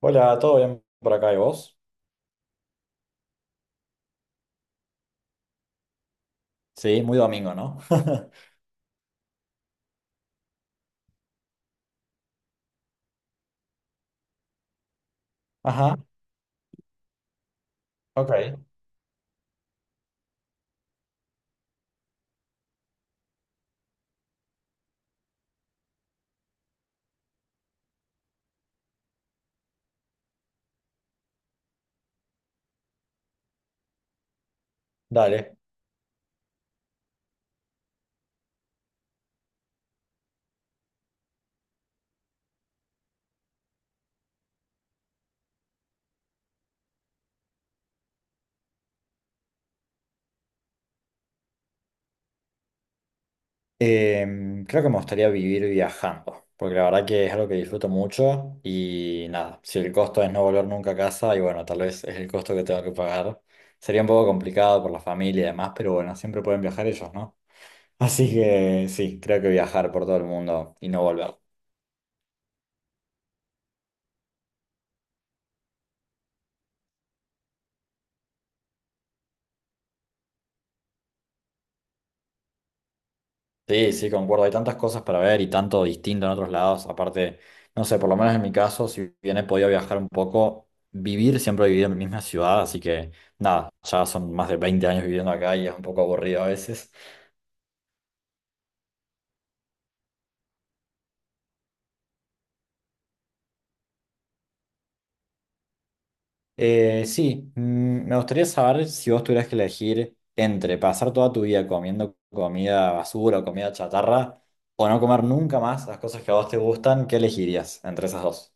Hola, ¿todo bien por acá y vos? Sí, muy domingo, ¿no? Ajá, ok, dale. Creo que me gustaría vivir viajando, porque la verdad que es algo que disfruto mucho y nada, si el costo es no volver nunca a casa y bueno, tal vez es el costo que tengo que pagar, sería un poco complicado por la familia y demás, pero bueno, siempre pueden viajar ellos, ¿no? Así que sí, creo que viajar por todo el mundo y no volver. Sí, sí, concuerdo. Hay tantas cosas para ver y tanto distinto en otros lados. Aparte, no sé, por lo menos en mi caso, si bien he podido viajar un poco, vivir siempre he vivido en mi misma ciudad, así que nada, ya son más de 20 años viviendo acá y es un poco aburrido a veces. Sí, me gustaría saber si vos tuvieras que elegir entre pasar toda tu vida comiendo comida basura o comida chatarra o no comer nunca más las cosas que a vos te gustan, ¿qué elegirías entre esas dos?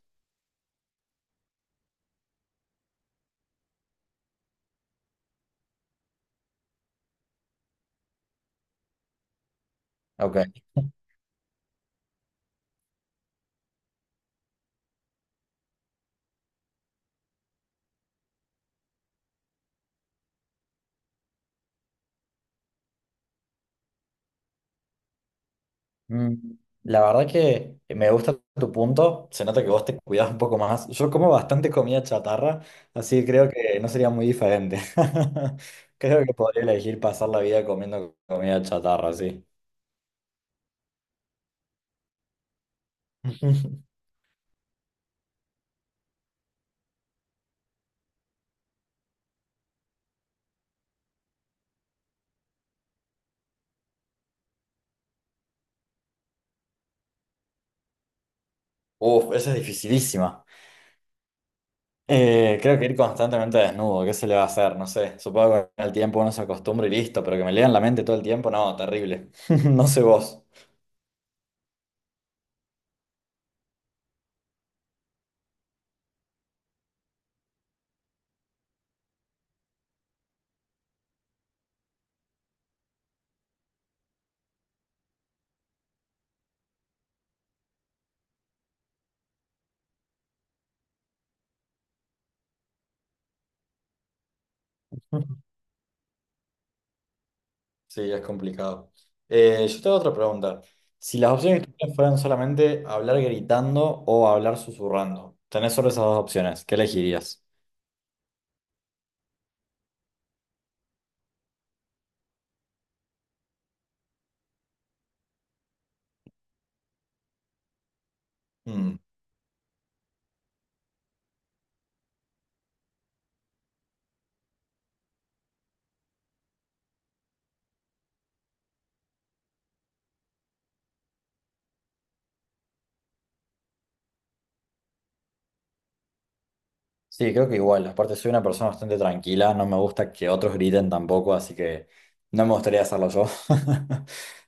Ok. Mm, La verdad que me gusta tu punto, se nota que vos te cuidás un poco más. Yo como bastante comida chatarra, así que creo que no sería muy diferente. Creo que podría elegir pasar la vida comiendo comida chatarra, sí. Uf, esa es dificilísima. Creo que ir constantemente desnudo, ¿qué se le va a hacer? No sé, supongo que con el tiempo uno se acostumbra y listo, pero que me lean la mente todo el tiempo, no, terrible. No sé vos. Sí, es complicado. Yo tengo otra pregunta. Si las opciones que tienes fueran solamente hablar gritando o hablar susurrando, tenés solo esas dos opciones, ¿qué elegirías? Mm, sí, creo que igual. Aparte, soy una persona bastante tranquila, no me gusta que otros griten tampoco, así que no me gustaría hacerlo yo.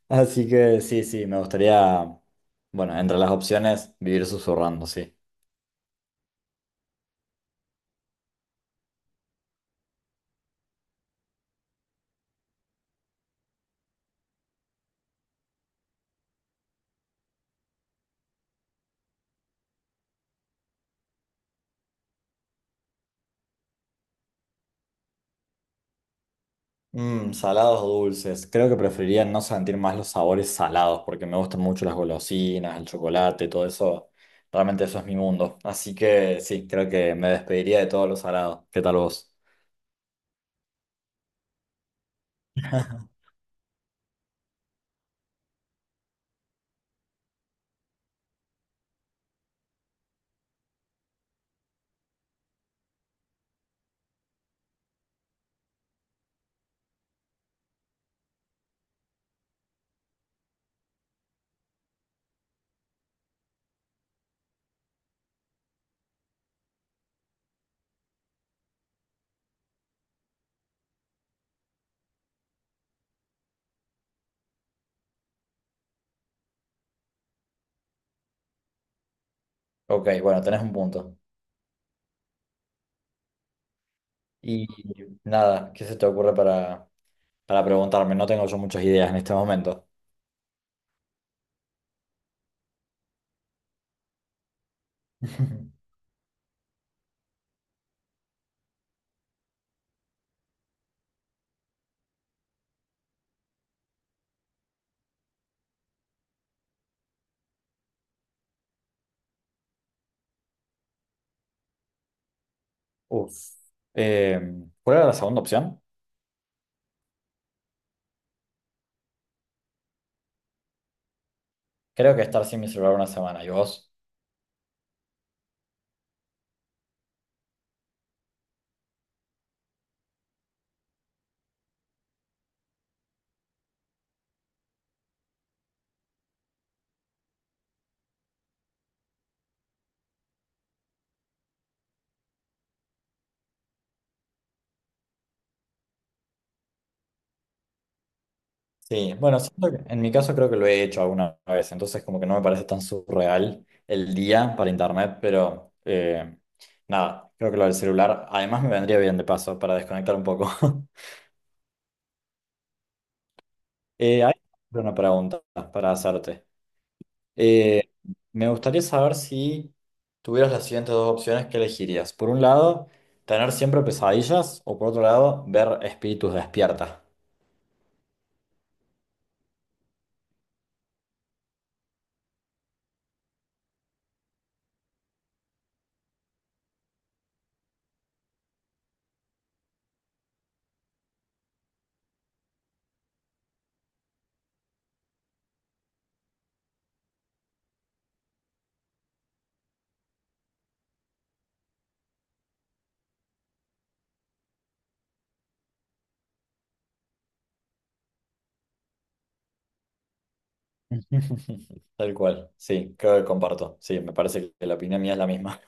Así que sí, sí, me gustaría, bueno, entre las opciones, vivir susurrando, sí. Mm, salados o dulces. Creo que preferiría no sentir más los sabores salados porque me gustan mucho las golosinas, el chocolate, todo eso. Realmente eso es mi mundo. Así que sí, creo que me despediría de todo lo salado. ¿Qué tal vos? Ok, bueno, tenés un punto. Y nada, ¿qué se te ocurre para preguntarme? No tengo yo muchas ideas en este momento. Uf. Eh, ¿Cuál era la segunda opción? Creo que estar sin mi celular una semana. ¿Y vos? Sí, bueno, siento que en mi caso creo que lo he hecho alguna vez, entonces como que no me parece tan surreal el día para internet, pero nada, creo que lo del celular además me vendría bien de paso para desconectar un poco. Hay una pregunta para hacerte. Eh, me gustaría saber si tuvieras las siguientes dos opciones, ¿qué elegirías? Por un lado, tener siempre pesadillas o por otro lado, ver espíritus despierta. Tal cual, sí, creo que comparto. Sí, me parece que la opinión mía es la misma.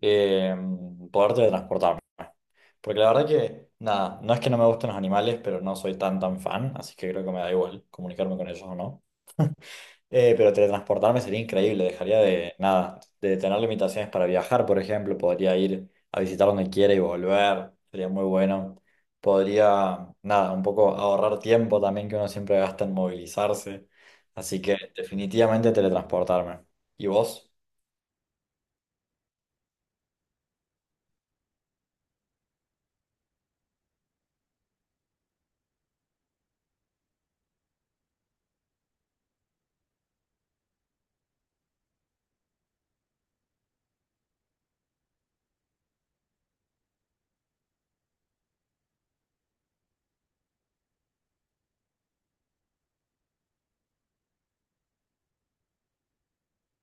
eh, poder teletransportarme. Porque la verdad que, nada, no es que no me gusten los animales, pero no soy tan fan, así que creo que me da igual comunicarme con ellos o no. Pero teletransportarme sería increíble, dejaría de, nada, de tener limitaciones para viajar, por ejemplo, podría ir a visitar donde quiera y volver, sería muy bueno. Podría, nada, un poco ahorrar tiempo también que uno siempre gasta en movilizarse, así que definitivamente teletransportarme. ¿Y vos?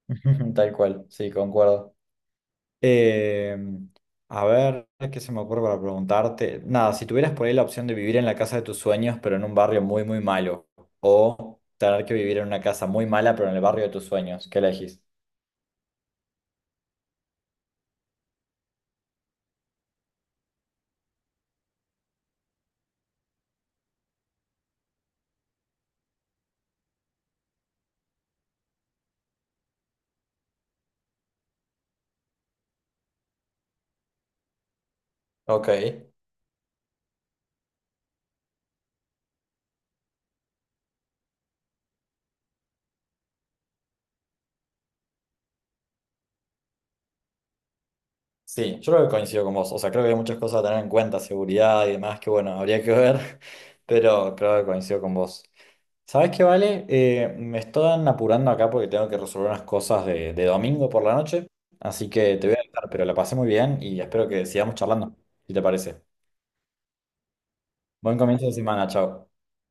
Tal cual, sí, concuerdo. Eh, a ver, ¿qué se me ocurre para preguntarte? Nada, si tuvieras por ahí la opción de vivir en la casa de tus sueños, pero en un barrio muy, muy malo, o tener que vivir en una casa muy mala, pero en el barrio de tus sueños, ¿qué elegís? Ok, sí, yo creo que coincido con vos. O sea, creo que hay muchas cosas a tener en cuenta, seguridad y demás, que bueno, habría que ver, pero creo que coincido con vos. ¿Sabes qué, Vale? Me están apurando acá porque tengo que resolver unas cosas de domingo por la noche. Así que te voy a dejar, pero la pasé muy bien y espero que sigamos charlando, si te parece. Buen comienzo de semana, chao.